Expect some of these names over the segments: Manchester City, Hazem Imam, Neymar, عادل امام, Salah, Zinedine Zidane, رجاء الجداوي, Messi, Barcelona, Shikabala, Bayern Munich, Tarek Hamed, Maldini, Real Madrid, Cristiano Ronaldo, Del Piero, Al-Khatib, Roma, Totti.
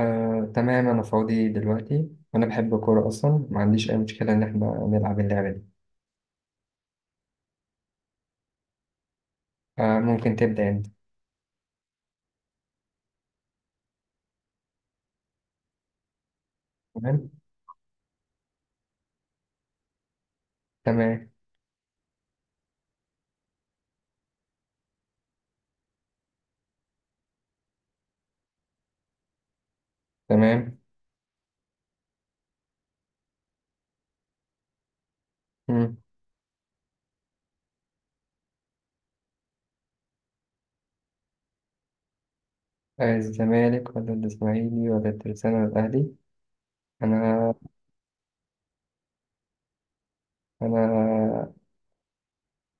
تمام، أنا فاضي دلوقتي وأنا بحب الكورة أصلا، ما عنديش أي مشكلة إن إحنا نلعب اللعبة دي. ممكن تبدأ أنت. تمام. تمام تمام. مم. الزمالك ولا الإسماعيلي ولا الترسانة ولا الأهلي؟ أنا أنا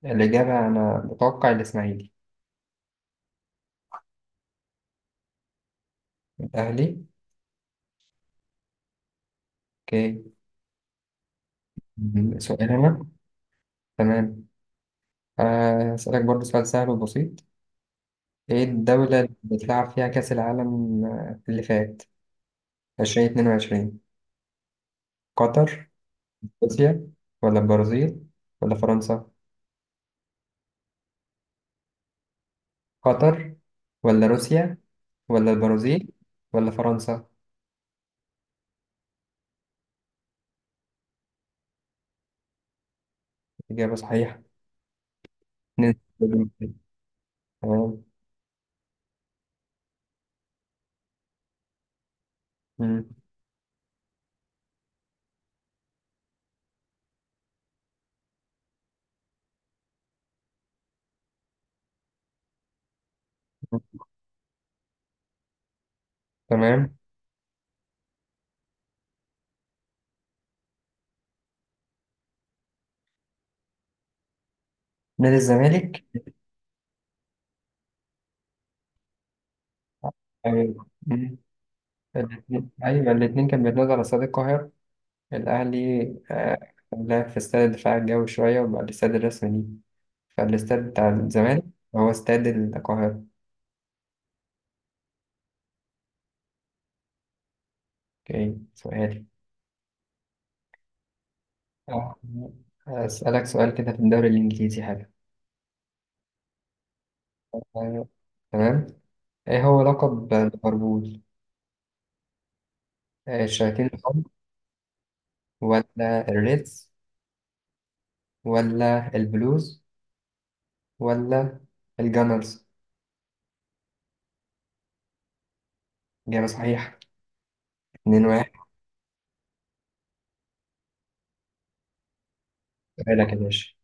الإجابة، أنا بتوقع الإسماعيلي. الأهلي. أوكي. مم، سؤال أنا. تمام. أسألك برضه سؤال سهل وبسيط: إيه الدولة اللي بتلعب فيها كأس العالم اللي فات 2022؟ قطر، روسيا، ولا البرازيل، ولا فرنسا؟ قطر ولا روسيا ولا البرازيل ولا فرنسا؟ إجابة صحيحة. نادي الزمالك. تمام. مم. تمام. نادي الزمالك. أيوة. مم. الاتنين، أيوة الاتنين كان بيتنازل على استاد القاهرة. الأهلي آه، لعب في استاد الدفاع الجوي شوية، وبعد الاستاد الرسمي ليه، فالاستاد بتاع الزمالك هو استاد القاهرة. أوكي، سؤالي. آه، أسألك سؤال كده في الدوري الإنجليزي حاجة. أيوة. تمام. إيه هو لقب ليفربول؟ الشياطين الحمر، ولا الريدز، ولا البلوز، ولا الجانرز؟ إجابة صحيحة. اتنين واحد. سؤالك يا باشا.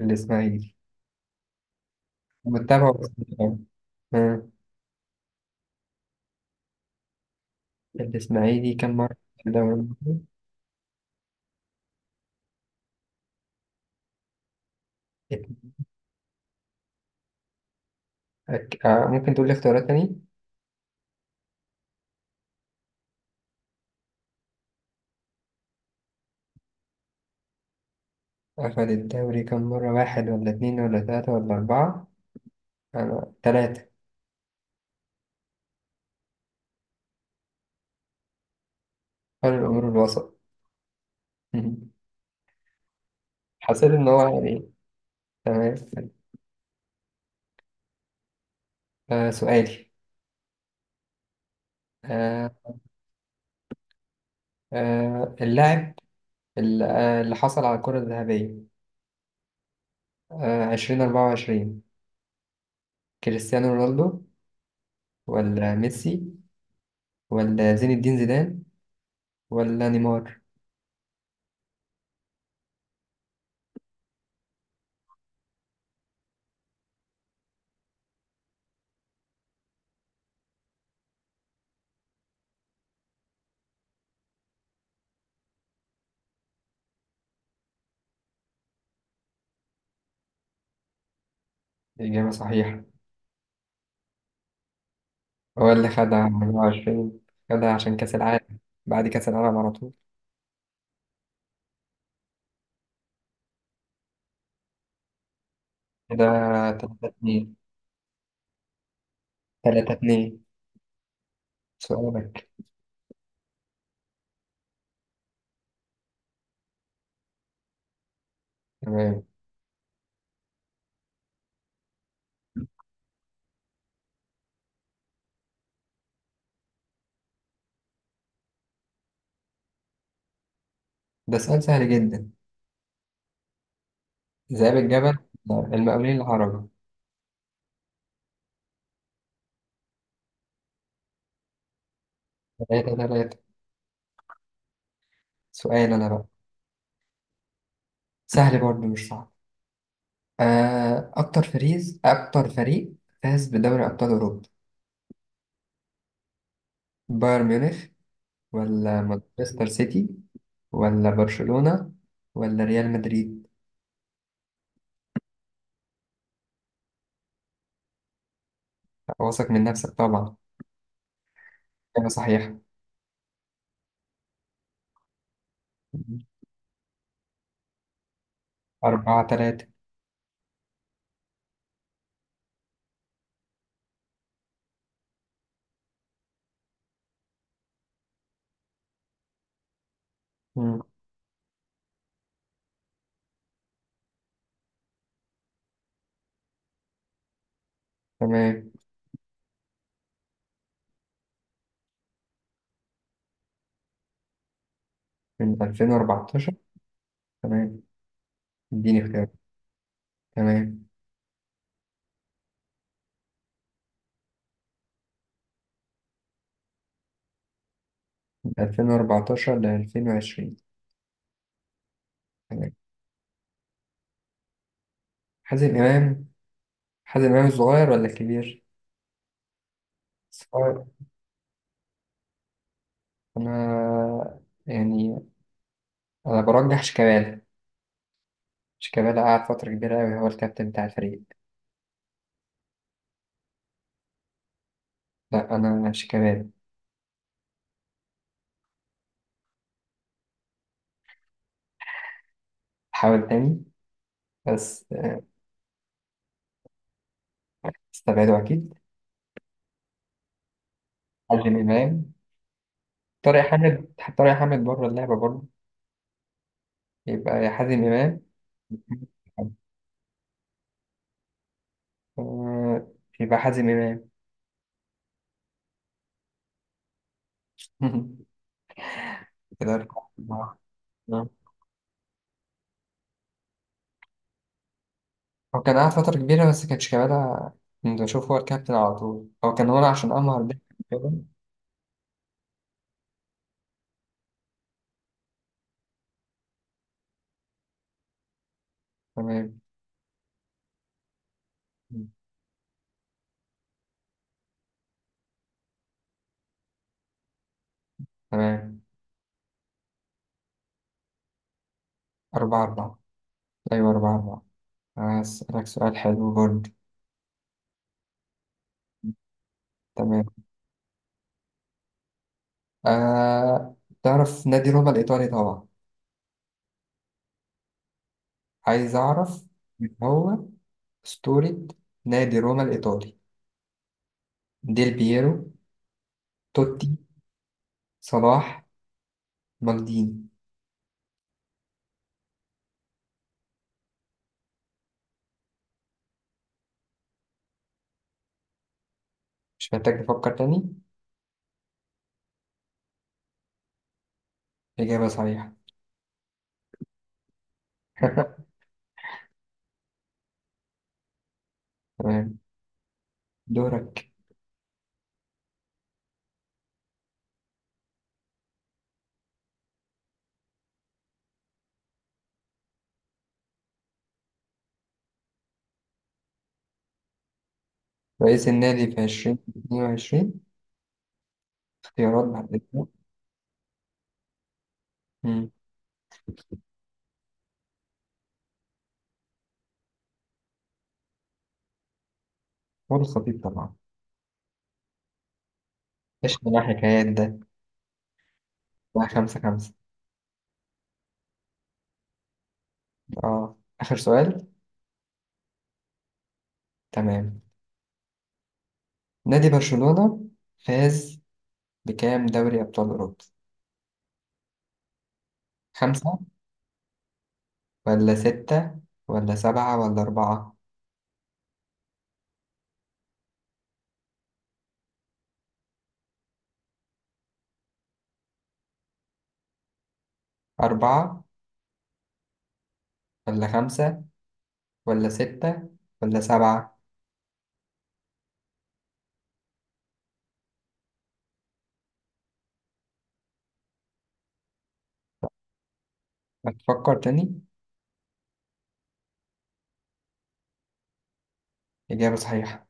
الإسماعيلي، متابع ولا مش متابع؟ آه، الإسماعيلي كم مرة في الدوري المصري؟ اتنين. ممكن تقول لي اختيارات تاني؟ أخد الدوري كم مرة؟ واحد ولا اتنين ولا تلاتة ولا أربعة؟ أنا تلاتة. قال الأمور الوسط. حسيت إن هو يعني. تمام. آه، سؤالي آه اللاعب اللي حصل على الكرة الذهبية عشرين أربعة وعشرين: كريستيانو رونالدو، ولا ميسي، ولا زين الدين زيدان، ولا نيمار؟ إجابة صحيحة. هو اللي خدها 24. خدها عشان كأس العالم، بعد كأس العالم على طول. كده 3 2. 3 2. سؤالك. تمام، ده سؤال سهل جدا. ذئاب الجبل: المقاولين العرب. 3 3. سؤال أنا بقى، سهل برضه مش صعب. أكتر فريق فاز بدوري أبطال أوروبا: بايرن ميونخ، ولا مانشستر سيتي، ولا برشلونة، ولا ريال مدريد؟ واثق من نفسك طبعا. إجابة صحيحة. أربعة تلاتة. مم. تمام. من 2014. تمام، اديني اختيار. تمام، من 2014 ل 2020. تمام. حازم إمام. حازم إمام الصغير ولا الكبير؟ الصغير. أنا يعني، أنا برجح شيكابالا. شيكابالا قعد فترة كبيرة أوي هو الكابتن بتاع الفريق. لا أنا شيكابالا. حاول تاني. بس، استبعده أكيد. حازم إمام. طارق حامد، طارق حامد بره اللعبة برضه. يبقى يا حازم إمام. آه، يبقى حازم إمام. كده أربعة. آه. هو كان قعد فترة كبيرة، بس كان شيكابالا. كنت بشوف هو الكابتن على طول، هو كان هنا عشان أمهر ده. كده. تمام. تمام أربعة أربعة أيوة أربعة أربعة. هسألك سؤال حلو برضه. تمام. آه، تعرف نادي روما الإيطالي طبعا. عايز أعرف مين هو أسطورة نادي روما الإيطالي: ديل بييرو، توتي، صلاح، مالديني؟ مش محتاج تفكر تاني. إجابة صحيحة. تمام. دورك. رئيس النادي في عشرين اتنين وعشرين. اختيارات بعد كده. مم. هو الخطيب طبعا. ايش من الحكايات ده؟ بقى خمسة خمسة. اه آخر سؤال. تمام. نادي برشلونة فاز بكام دوري أبطال أوروبا؟ خمسة، ولا ستة، ولا سبعة، ولا أربعة؟ أربعة، ولا خمسة، ولا ستة، ولا سبعة؟ هتفكر تاني. إجابة صحيحة.